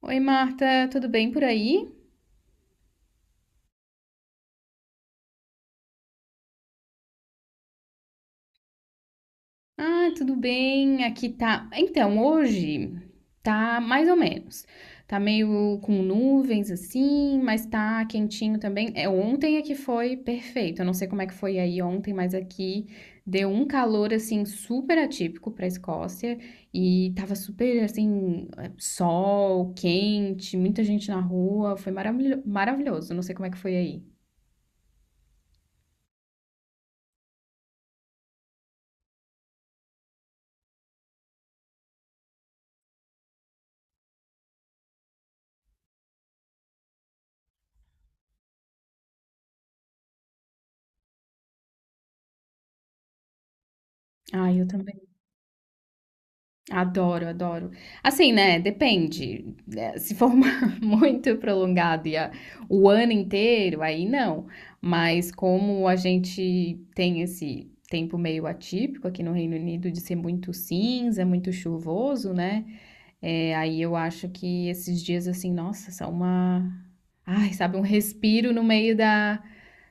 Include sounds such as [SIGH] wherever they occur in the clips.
Oi, Marta, tudo bem por aí? Ah, tudo bem, aqui tá. Então, hoje tá mais ou menos. Tá meio com nuvens assim, mas tá quentinho também. É, ontem é que foi perfeito. Eu não sei como é que foi aí ontem, mas aqui deu um calor assim super atípico pra Escócia e tava super assim, sol, quente, muita gente na rua. Foi maravilhoso. Não sei como é que foi aí. Ah, eu também. Adoro, adoro. Assim, né? Depende. É, Se for uma- [LAUGHS] muito prolongado o ano inteiro, aí não. Mas como a gente tem esse tempo meio atípico aqui no Reino Unido de ser muito cinza, muito chuvoso, né? É, aí eu acho que esses dias assim, nossa, ai, sabe, um respiro no meio da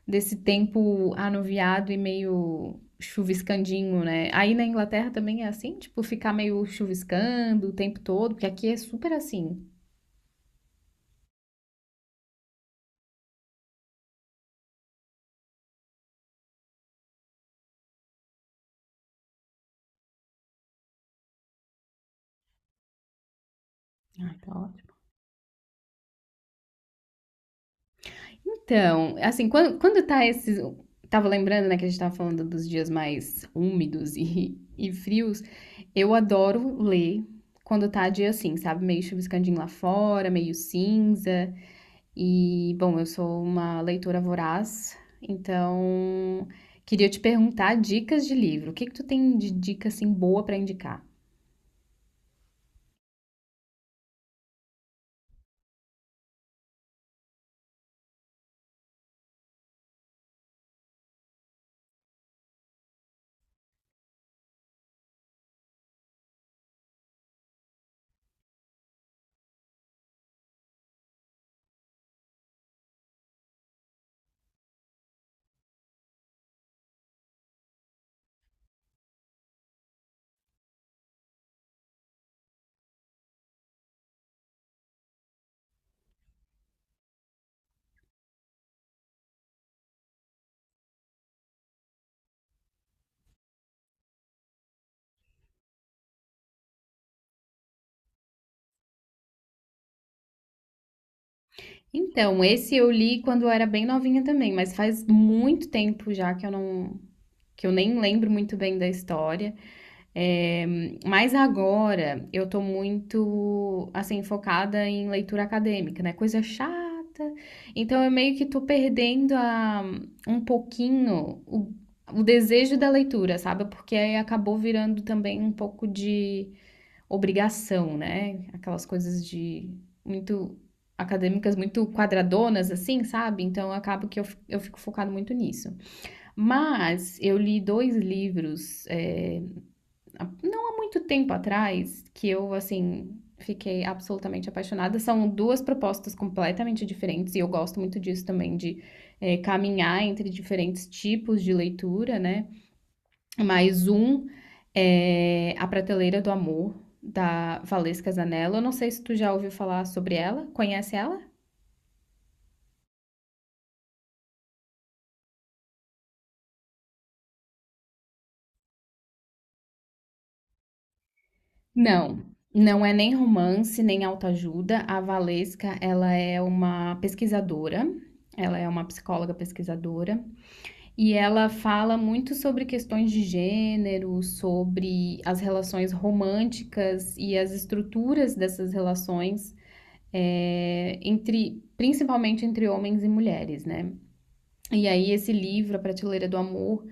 desse tempo anuviado e meio chuviscandinho, né? Aí na Inglaterra também é assim, tipo, ficar meio chuviscando o tempo todo, porque aqui é super assim. Ai, tá ótimo. Então, assim, quando tá esses. Tava lembrando, né, que a gente tava falando dos dias mais úmidos e frios. Eu adoro ler quando tá dia assim, sabe? Meio chuviscandinho lá fora, meio cinza. E, bom, eu sou uma leitora voraz, então queria te perguntar dicas de livro. O que que tu tem de dica assim boa para indicar? Então, esse eu li quando eu era bem novinha também, mas faz muito tempo já que eu nem lembro muito bem da história. Eh, mas agora eu tô muito, assim, focada em leitura acadêmica, né? Coisa chata. Então eu meio que um pouquinho o desejo da leitura, sabe? Porque aí acabou virando também um pouco de obrigação, né? Aquelas coisas de muito acadêmicas, muito quadradonas, assim, sabe? Então acaba que eu fico focado muito nisso. Mas eu li dois livros. É, não há muito tempo atrás que eu, assim, fiquei absolutamente apaixonada. São duas propostas completamente diferentes e eu gosto muito disso também, de caminhar entre diferentes tipos de leitura, né? Mas um é A Prateleira do Amor, da Valesca Zanello. Eu não sei se tu já ouviu falar sobre ela, conhece ela? Não, não é nem romance, nem autoajuda. A Valesca, ela é uma pesquisadora, ela é uma psicóloga pesquisadora. E ela fala muito sobre questões de gênero, sobre as relações românticas e as estruturas dessas relações, é, entre, principalmente entre homens e mulheres, né? E aí esse livro, A Prateleira do Amor,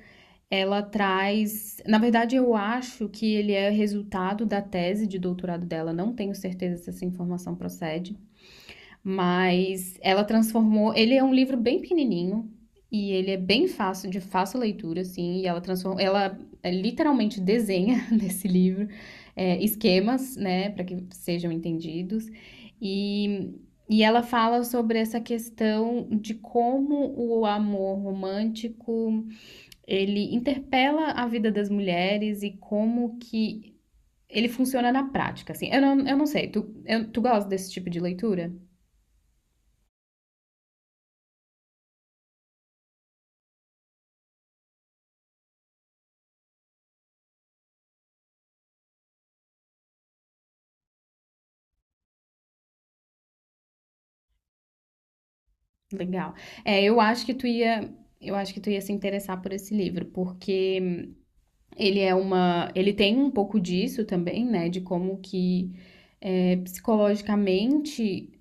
ela traz, na verdade eu acho que ele é resultado da tese de doutorado dela, não tenho certeza se essa informação procede, mas ela transformou. Ele é um livro bem pequenininho e ele é bem fácil, de fácil leitura, assim. E ela transforma, ela é, literalmente desenha [LAUGHS] nesse livro é, esquemas, né, para que sejam entendidos. E, e ela fala sobre essa questão de como o amor romântico ele interpela a vida das mulheres e como que ele funciona na prática, assim. Eu não sei, tu gosta desse tipo de leitura? Legal. É, eu acho que tu ia, eu acho que tu ia se interessar por esse livro, porque ele é uma, ele tem um pouco disso também, né, de como que é, psicologicamente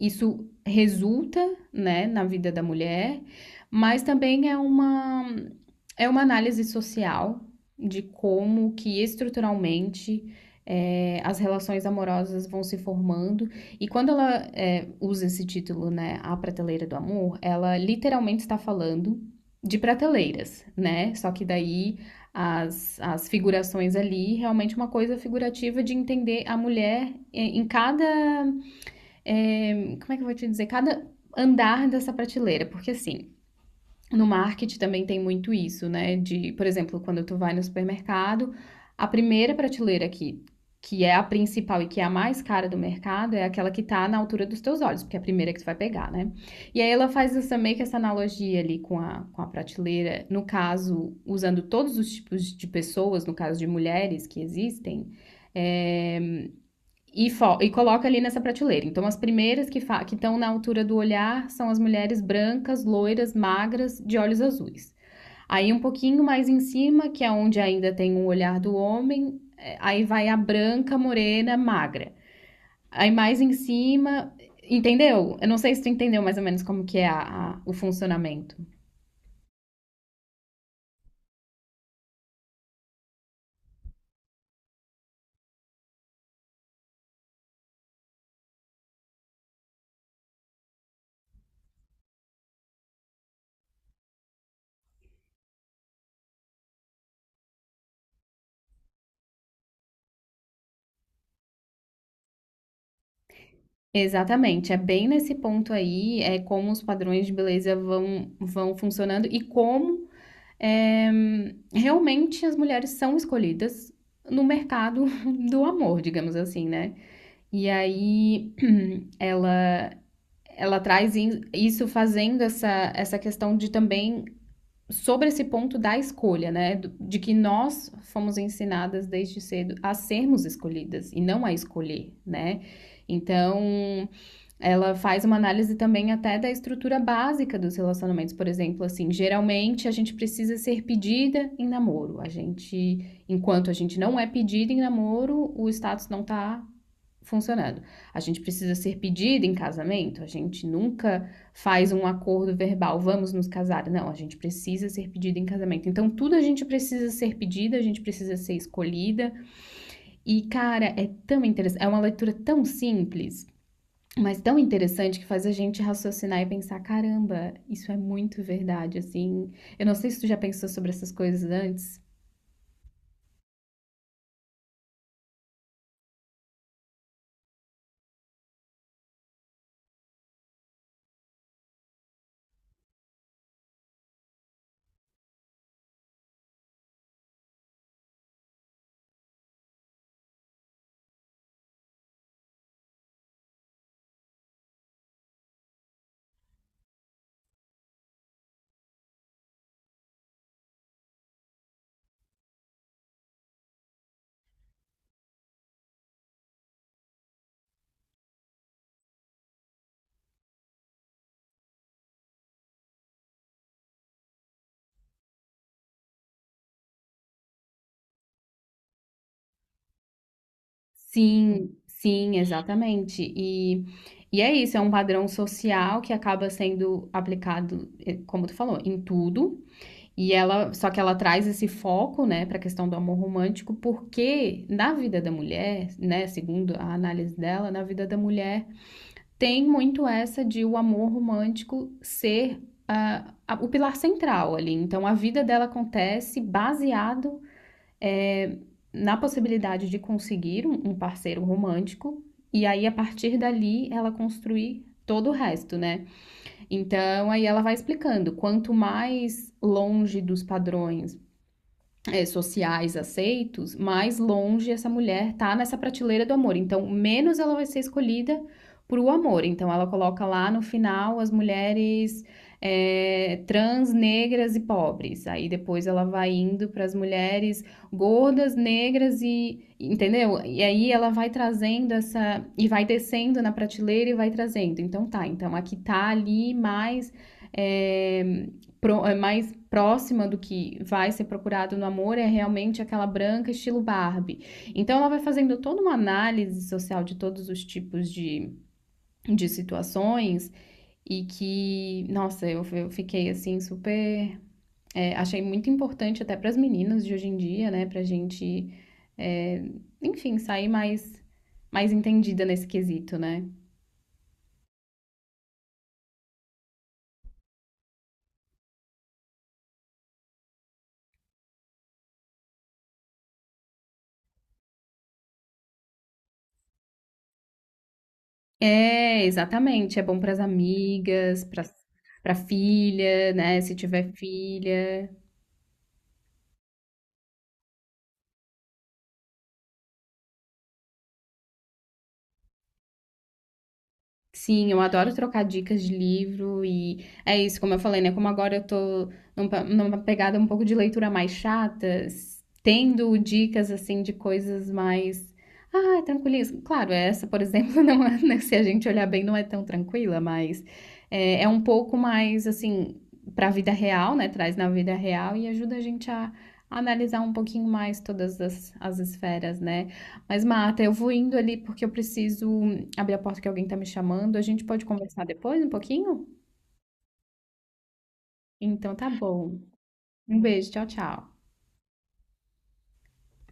isso resulta, né, na vida da mulher, mas também é uma análise social de como que estruturalmente é, as relações amorosas vão se formando. E quando ela é, usa esse título, né, A Prateleira do Amor, ela literalmente está falando de prateleiras, né? Só que daí as figurações ali, realmente uma coisa figurativa de entender a mulher em cada eh, como é que eu vou te dizer? Cada andar dessa prateleira, porque assim, no marketing também tem muito isso, né? De, por exemplo, quando tu vai no supermercado, a primeira prateleira que é a principal e que é a mais cara do mercado é aquela que tá na altura dos teus olhos, porque é a primeira que tu vai pegar, né? E aí ela faz essa, meio que essa analogia ali com a prateleira, no caso, usando todos os tipos de pessoas, no caso de mulheres que existem, é, e, e coloca ali nessa prateleira. Então, as primeiras que estão na altura do olhar são as mulheres brancas, loiras, magras, de olhos azuis. Aí, um pouquinho mais em cima, que é onde ainda tem um olhar do homem, é, aí vai a branca, morena, magra. Aí, mais em cima, entendeu? Eu não sei se tu entendeu mais ou menos como que o funcionamento. Exatamente, é bem nesse ponto aí, é como os padrões de beleza vão funcionando e como é, realmente as mulheres são escolhidas no mercado [LAUGHS] do amor, digamos assim, né? E aí [CLEARS THROAT] ela ela traz isso fazendo essa questão de também sobre esse ponto da escolha, né? De que nós fomos ensinadas desde cedo a sermos escolhidas e não a escolher, né? Então, ela faz uma análise também até da estrutura básica dos relacionamentos, por exemplo, assim, geralmente a gente precisa ser pedida em namoro. A gente, enquanto a gente não é pedida em namoro, o status não tá funcionando. A gente precisa ser pedida em casamento, a gente nunca faz um acordo verbal, vamos nos casar. Não, a gente precisa ser pedida em casamento. Então, tudo a gente precisa ser pedida, a gente precisa ser escolhida. E, cara, é tão interessante, é uma leitura tão simples, mas tão interessante que faz a gente raciocinar e pensar, caramba, isso é muito verdade, assim. Eu não sei se tu já pensou sobre essas coisas antes. Sim, sim, exatamente. E é isso, é um padrão social que acaba sendo aplicado, como tu falou, em tudo. E ela, só que ela traz esse foco, né, para a questão do amor romântico, porque na vida da mulher, né, segundo a análise dela, na vida da mulher tem muito essa de o amor romântico ser ah, o pilar central ali. Então, a vida dela acontece baseado eh, na possibilidade de conseguir um parceiro romântico e aí, a partir dali, ela construir todo o resto, né? Então, aí ela vai explicando, quanto mais longe dos padrões é, sociais aceitos, mais longe essa mulher tá nessa prateleira do amor. Então, menos ela vai ser escolhida pro amor. Então, ela coloca lá no final as mulheres é, trans, negras e pobres. Aí depois ela vai indo para as mulheres gordas, negras e. Entendeu? E aí ela vai trazendo essa. E vai descendo na prateleira e vai trazendo. Então tá, então aqui tá ali mais. É, é mais próxima do que vai ser procurado no amor é realmente aquela branca estilo Barbie. Então ela vai fazendo toda uma análise social de todos os tipos de situações e que, nossa, eu fiquei assim super, é, achei muito importante até para as meninas de hoje em dia, né, pra gente, é, enfim, sair mais mais entendida nesse quesito, né? É, exatamente. É bom para as amigas, para filha, né, se tiver filha. Sim, eu adoro trocar dicas de livro e é isso, como eu falei, né? Como agora eu tô numa pegada um pouco de leitura mais chata, tendo dicas assim de coisas mais. Ah, tranquilismo. Claro, essa, por exemplo, [LAUGHS] não é, né, se a gente olhar bem, não é tão tranquila, mas é, é um pouco mais assim para a vida real, né? Traz na vida real e ajuda a gente a analisar um pouquinho mais todas as, as esferas, né? Mas, Marta, eu vou indo ali porque eu preciso abrir a porta que alguém tá me chamando. A gente pode conversar depois um pouquinho? Então tá bom. Um beijo, tchau, tchau.